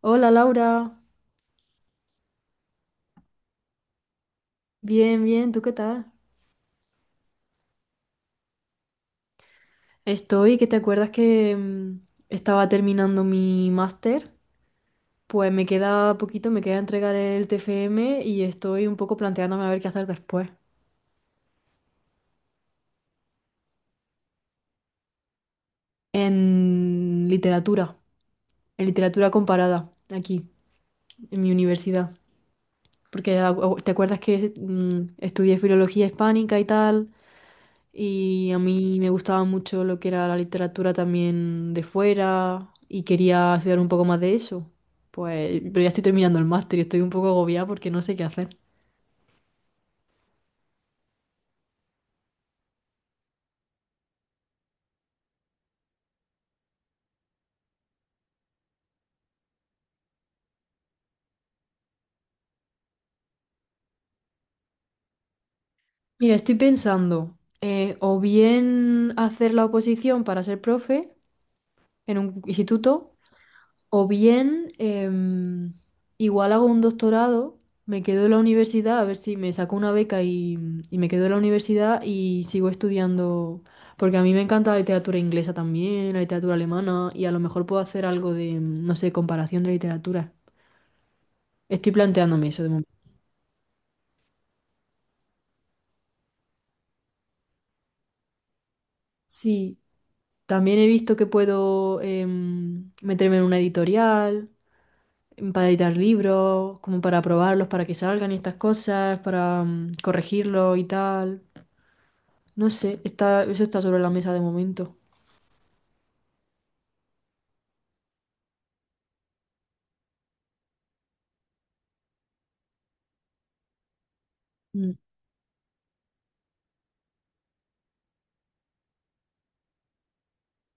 Hola Laura, bien, bien, ¿tú qué tal? Estoy, que te acuerdas que estaba terminando mi máster, pues me queda poquito, me queda entregar el TFM y estoy un poco planteándome a ver qué hacer después. En literatura, en literatura comparada, aquí, en mi universidad. Porque te acuerdas que estudié filología hispánica y tal, y a mí me gustaba mucho lo que era la literatura también de fuera, y quería estudiar un poco más de eso. Pues, pero ya estoy terminando el máster y estoy un poco agobiada porque no sé qué hacer. Mira, estoy pensando, o bien hacer la oposición para ser profe en un instituto. O bien, igual hago un doctorado, me quedo en la universidad, a ver si me saco una beca y me quedo en la universidad y sigo estudiando, porque a mí me encanta la literatura inglesa también, la literatura alemana, y a lo mejor puedo hacer algo de, no sé, comparación de literatura. Estoy planteándome eso de momento. Sí, también he visto que puedo meterme en una editorial para editar libros, como para probarlos, para que salgan y estas cosas, para corregirlos y tal. No sé, está, eso está sobre la mesa de momento. Mm.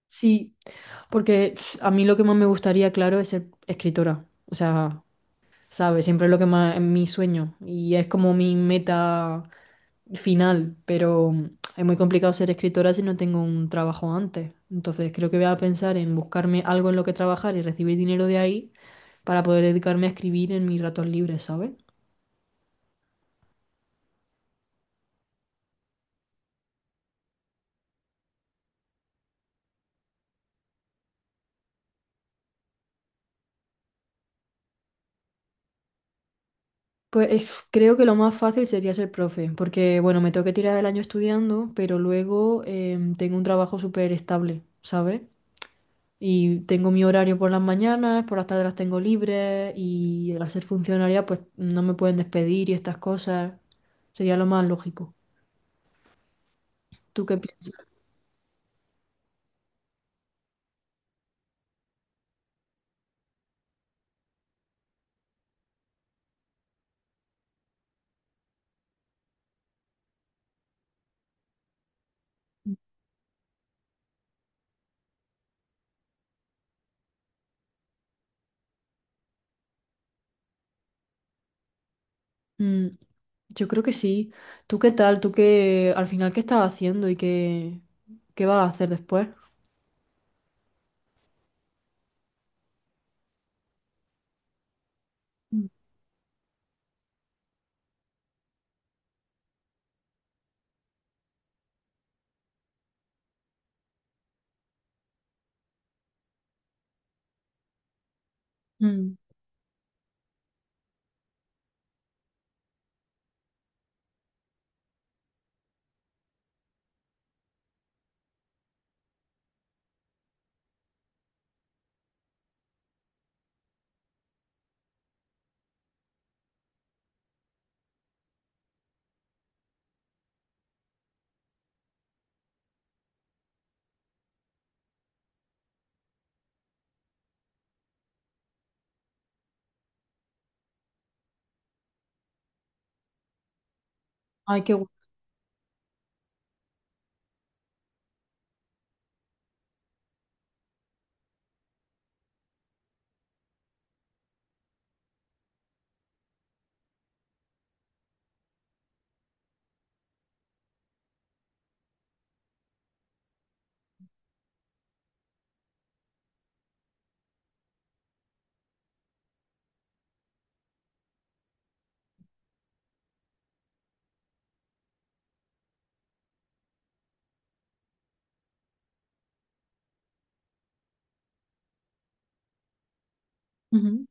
Sí, porque a mí lo que más me gustaría, claro, es ser escritora. O sea, ¿sabes? Siempre es lo que más es mi sueño y es como mi meta final, pero es muy complicado ser escritora si no tengo un trabajo antes. Entonces creo que voy a pensar en buscarme algo en lo que trabajar y recibir dinero de ahí para poder dedicarme a escribir en mis ratos libres, ¿sabes? Pues creo que lo más fácil sería ser profe, porque bueno, me tengo que tirar el año estudiando, pero luego tengo un trabajo súper estable, ¿sabes? Y tengo mi horario por las mañanas, por las tardes las tengo libres y al ser funcionaria pues no me pueden despedir y estas cosas. Sería lo más lógico. ¿Tú qué piensas? Mm, yo creo que sí. ¿Tú qué tal? ¿Tú qué al final qué estás haciendo y qué, qué vas a hacer después? Mm. Mm. Ay, qué guay. Ujú.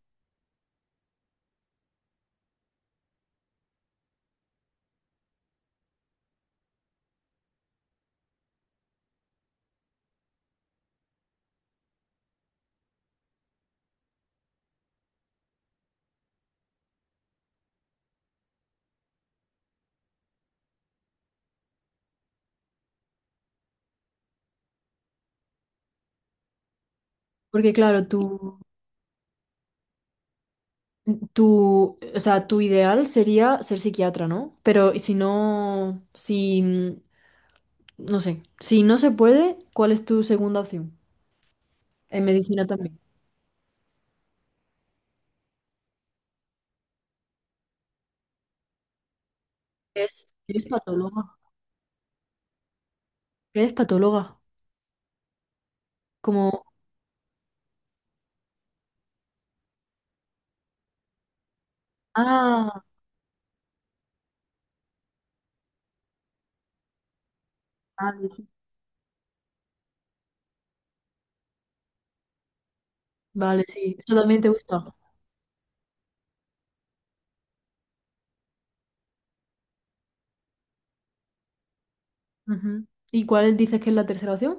Porque claro, tú. Tu, o sea, tu ideal sería ser psiquiatra, ¿no? Pero y si no, si, no sé, si no se puede, ¿cuál es tu segunda opción? En medicina también. Es patóloga. Es patóloga. Como, ah, vale, vale, sí, eso también te gusta. Ujú. ¿Y cuál dices que es la tercera opción?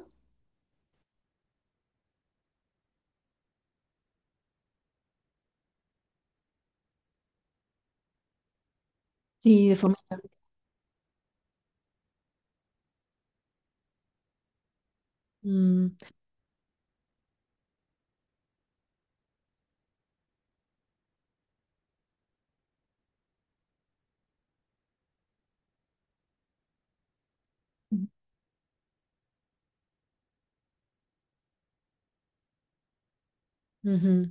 Sí, de forma. Mm, ujú.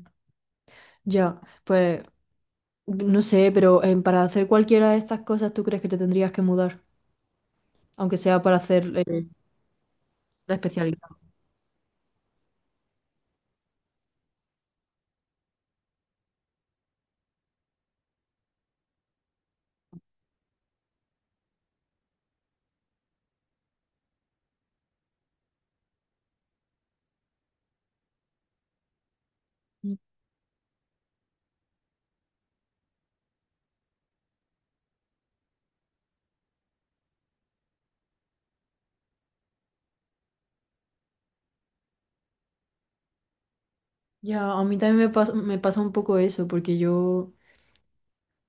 Ya, pues, no sé, pero para hacer cualquiera de estas cosas, ¿tú crees que te tendrías que mudar? Aunque sea para hacer la especialidad. Ya, a mí también me pasa un poco eso, porque yo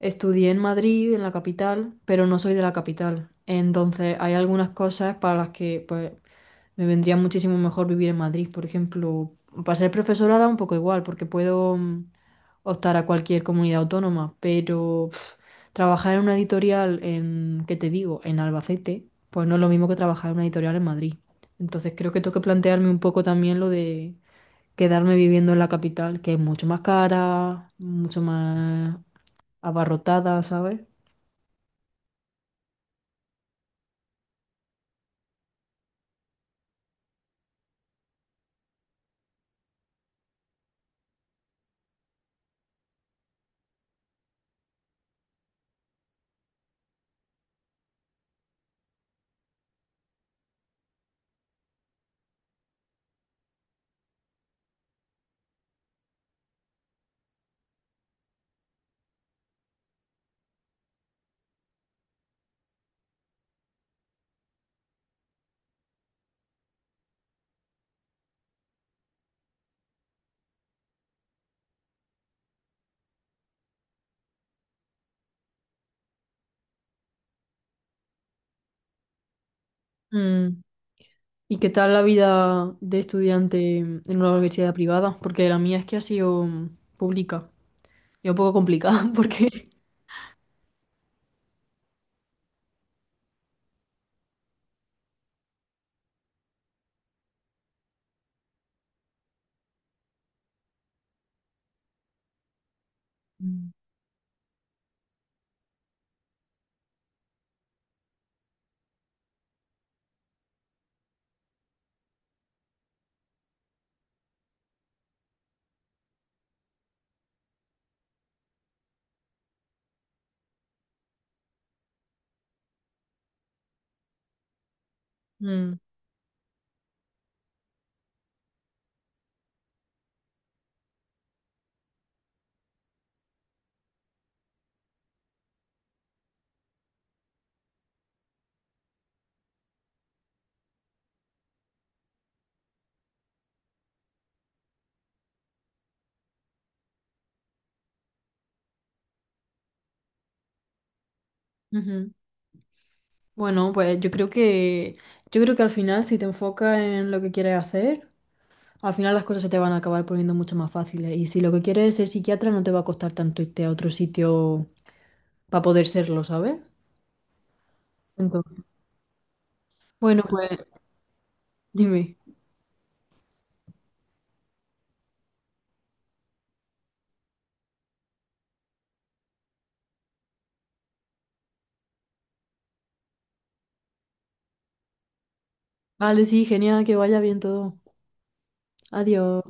estudié en Madrid, en la capital, pero no soy de la capital. Entonces, hay algunas cosas para las que pues, me vendría muchísimo mejor vivir en Madrid. Por ejemplo, para ser profesora da un poco igual, porque puedo optar a cualquier comunidad autónoma, pero trabajar en una editorial en, ¿qué te digo?, en Albacete, pues no es lo mismo que trabajar en una editorial en Madrid. Entonces, creo que tengo que plantearme un poco también lo de quedarme viviendo en la capital, que es mucho más cara, mucho más abarrotada, ¿sabes? Mm. ¿Y qué tal la vida de estudiante en una universidad privada? Porque la mía es que ha sido pública y un poco complicada porque... Mm. Mm. Ujú. Bueno, pues yo creo que al final si te enfocas en lo que quieres hacer, al final las cosas se te van a acabar poniendo mucho más fáciles. Y si lo que quieres es ser psiquiatra, no te va a costar tanto irte a otro sitio para poder serlo, ¿sabes? Entonces, bueno, pues dime. Vale, sí, genial, que vaya bien todo. Adiós.